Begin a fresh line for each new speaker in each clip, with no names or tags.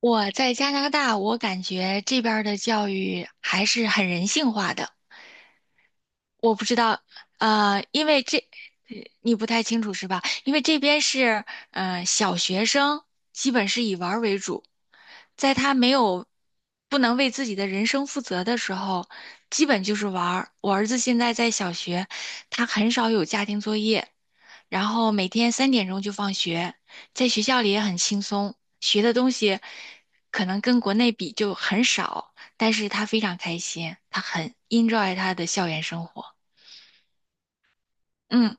我在加拿大，我感觉这边儿的教育还是很人性化的。我不知道，因为呃你不太清楚是吧？因为这边是，小学生基本是以玩儿为主，在他没有不能为自己的人生负责的时候，基本就是玩儿。我儿子现在在小学，他很少有家庭作业，然后每天3点钟就放学，在学校里也很轻松，学的东西可能跟国内比就很少，但是他非常开心，他很 enjoy 他的校园生活。嗯，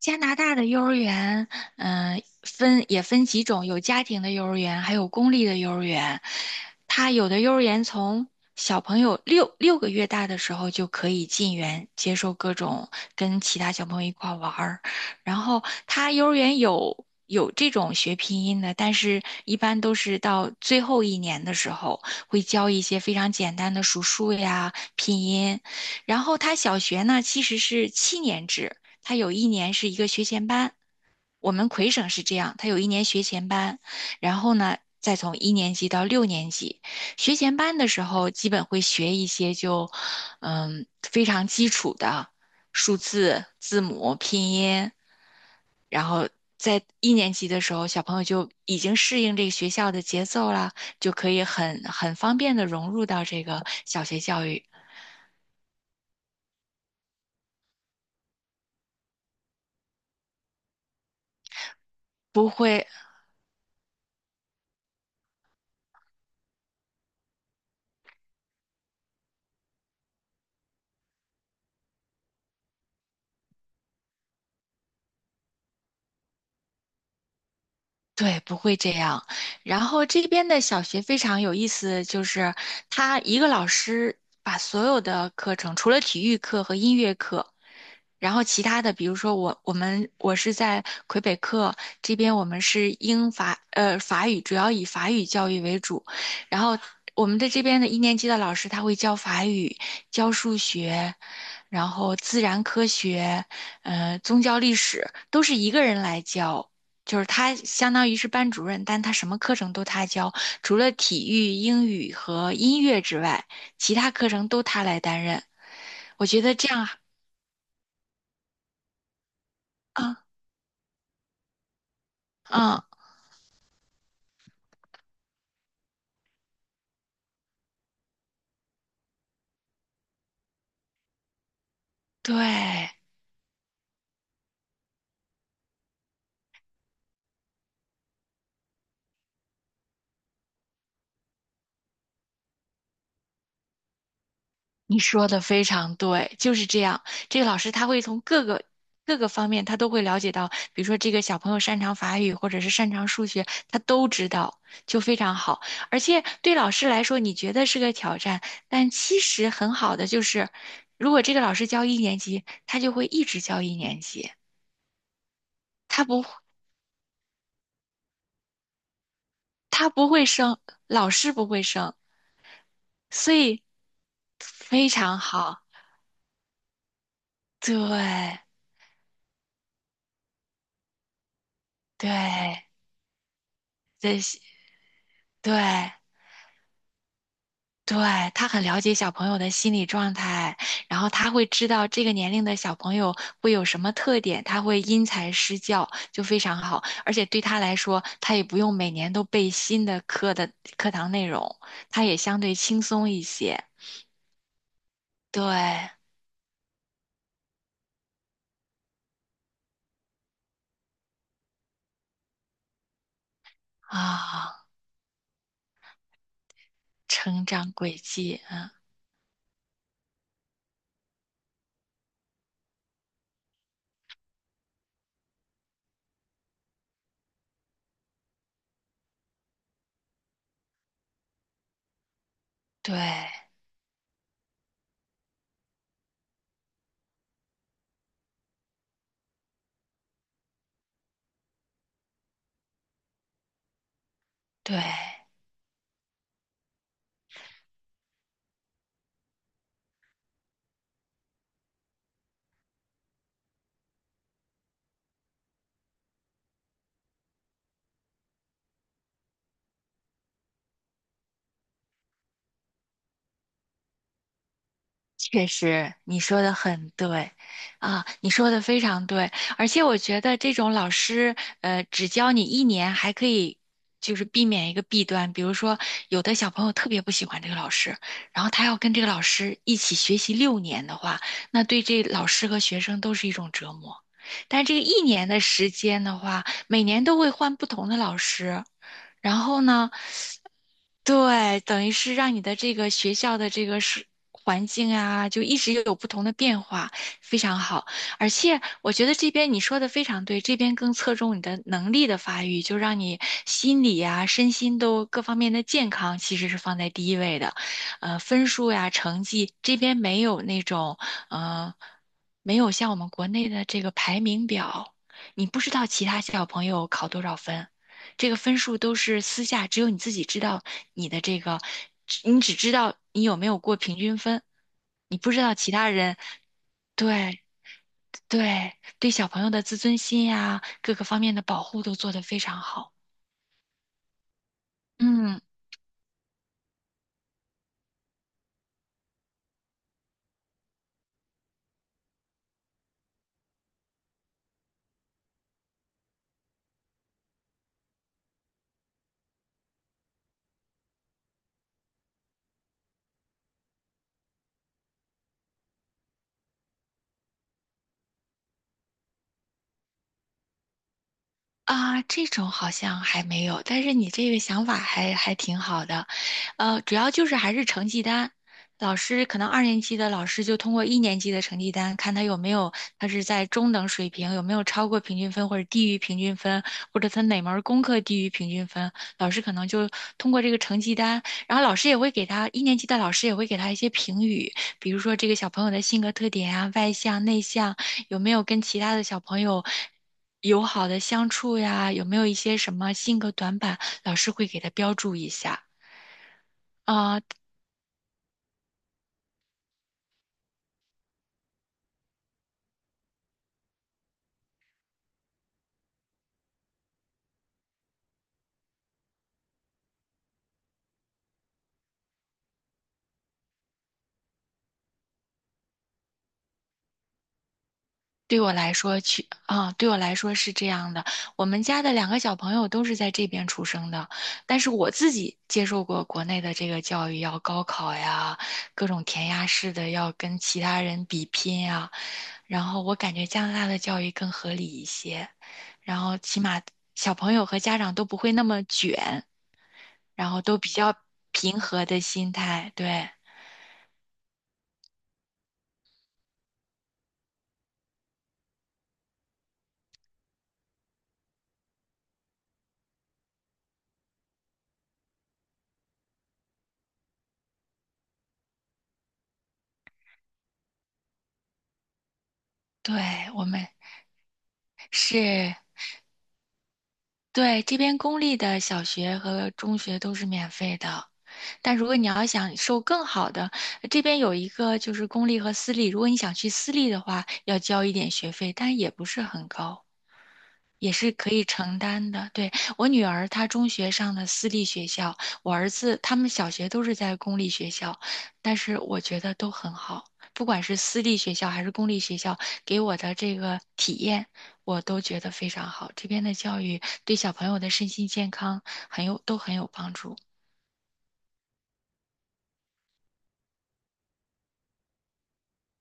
加拿大的幼儿园，分也分几种，有家庭的幼儿园，还有公立的幼儿园。他有的幼儿园从小朋友六个月大的时候就可以进园，接受各种跟其他小朋友一块儿玩儿。然后他幼儿园有这种学拼音的，但是一般都是到最后一年的时候会教一些非常简单的数数呀、拼音。然后他小学呢其实是7年制。他有一年是一个学前班，我们魁省是这样，他有一年学前班，然后呢，再从一年级到六年级，学前班的时候基本会学一些就，非常基础的数字、字母、拼音，然后。在一年级的时候，小朋友就已经适应这个学校的节奏了，就可以很方便的融入到这个小学教育，不会对，不会这样。然后这边的小学非常有意思，就是他一个老师把所有的课程，除了体育课和音乐课，然后其他的，比如说我是在魁北克这边，我们是法语，主要以法语教育为主。然后我们的这边的一年级的老师他会教法语、教数学，然后自然科学，宗教历史都是一个人来教。就是他相当于是班主任，但他什么课程都他教，除了体育、英语和音乐之外，其他课程都他来担任。我觉得这样，嗯嗯，对，你说的非常对，就是这样。这个老师他会从各个方面，他都会了解到，比如说这个小朋友擅长法语或者是擅长数学，他都知道，就非常好。而且对老师来说，你觉得是个挑战，但其实很好的就是，如果这个老师教一年级，他就会一直教一年级，他不他不会升，老师不会升，所以非常好。对对，这些对。对，他很了解小朋友的心理状态，然后他会知道这个年龄的小朋友会有什么特点，他会因材施教，就非常好。而且对他来说，他也不用每年都背新的课的课堂内容，他也相对轻松一些。对啊，成长轨迹，嗯，对对。确实，你说的很对，啊，你说的非常对，而且我觉得这种老师，只教你一年，还可以就是避免一个弊端，比如说有的小朋友特别不喜欢这个老师，然后他要跟这个老师一起学习六年的话，那对这老师和学生都是一种折磨。但这个一年的时间的话，每年都会换不同的老师，然后呢，对，等于是让你的这个学校的这个是环境啊，就一直有不同的变化，非常好。而且我觉得这边你说的非常对，这边更侧重你的能力的发育，就让你心理啊、身心都各方面的健康其实是放在第一位的。分数呀、成绩这边没有那种，呃，没有像我们国内的这个排名表，你不知道其他小朋友考多少分。这个分数都是私下，只有你自己知道你的这个，你只知道你有没有过平均分，你不知道其他人。对对对，小朋友的自尊心呀，各个方面的保护都做得非常好。嗯。啊，这种好像还没有，但是你这个想法还挺好的，主要就是还是成绩单，老师可能二年级的老师就通过一年级的成绩单，看他有没有他是在中等水平，有没有超过平均分或者低于平均分，或者他哪门儿功课低于平均分，老师可能就通过这个成绩单，然后老师也会给他一年级的老师也会给他一些评语，比如说这个小朋友的性格特点啊，外向内向。有没有跟其他的小朋友友好的相处呀？有没有一些什么性格短板，老师会给他标注一下。啊、对我来说去啊、对我来说是这样的。我们家的两个小朋友都是在这边出生的，但是我自己接受过国内的这个教育，要高考呀，各种填鸭式的要跟其他人比拼呀。然后我感觉加拿大的教育更合理一些，然后起码小朋友和家长都不会那么卷。然后都比较平和的心态。对，对，我们是，对，这边公立的小学和中学都是免费的。但如果你要想受更好的，这边有一个就是公立和私立，如果你想去私立的话，要交一点学费，但也不是很高。也是可以承担的。对，我女儿，她中学上的私立学校，我儿子他们小学都是在公立学校，但是我觉得都很好，不管是私立学校还是公立学校，给我的这个体验，我都觉得非常好。这边的教育对小朋友的身心健康都很有帮助。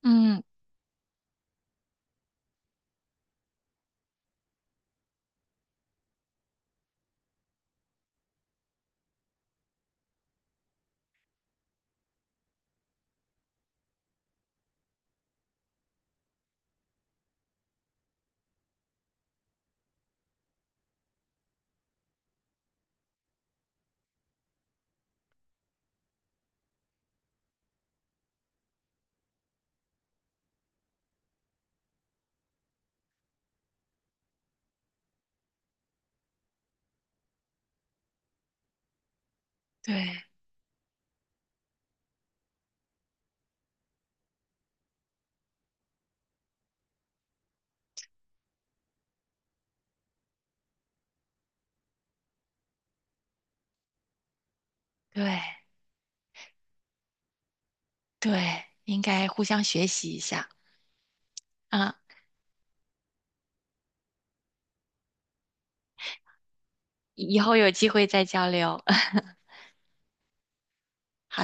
嗯，对对对，应该互相学习一下啊，以后有机会再交流。好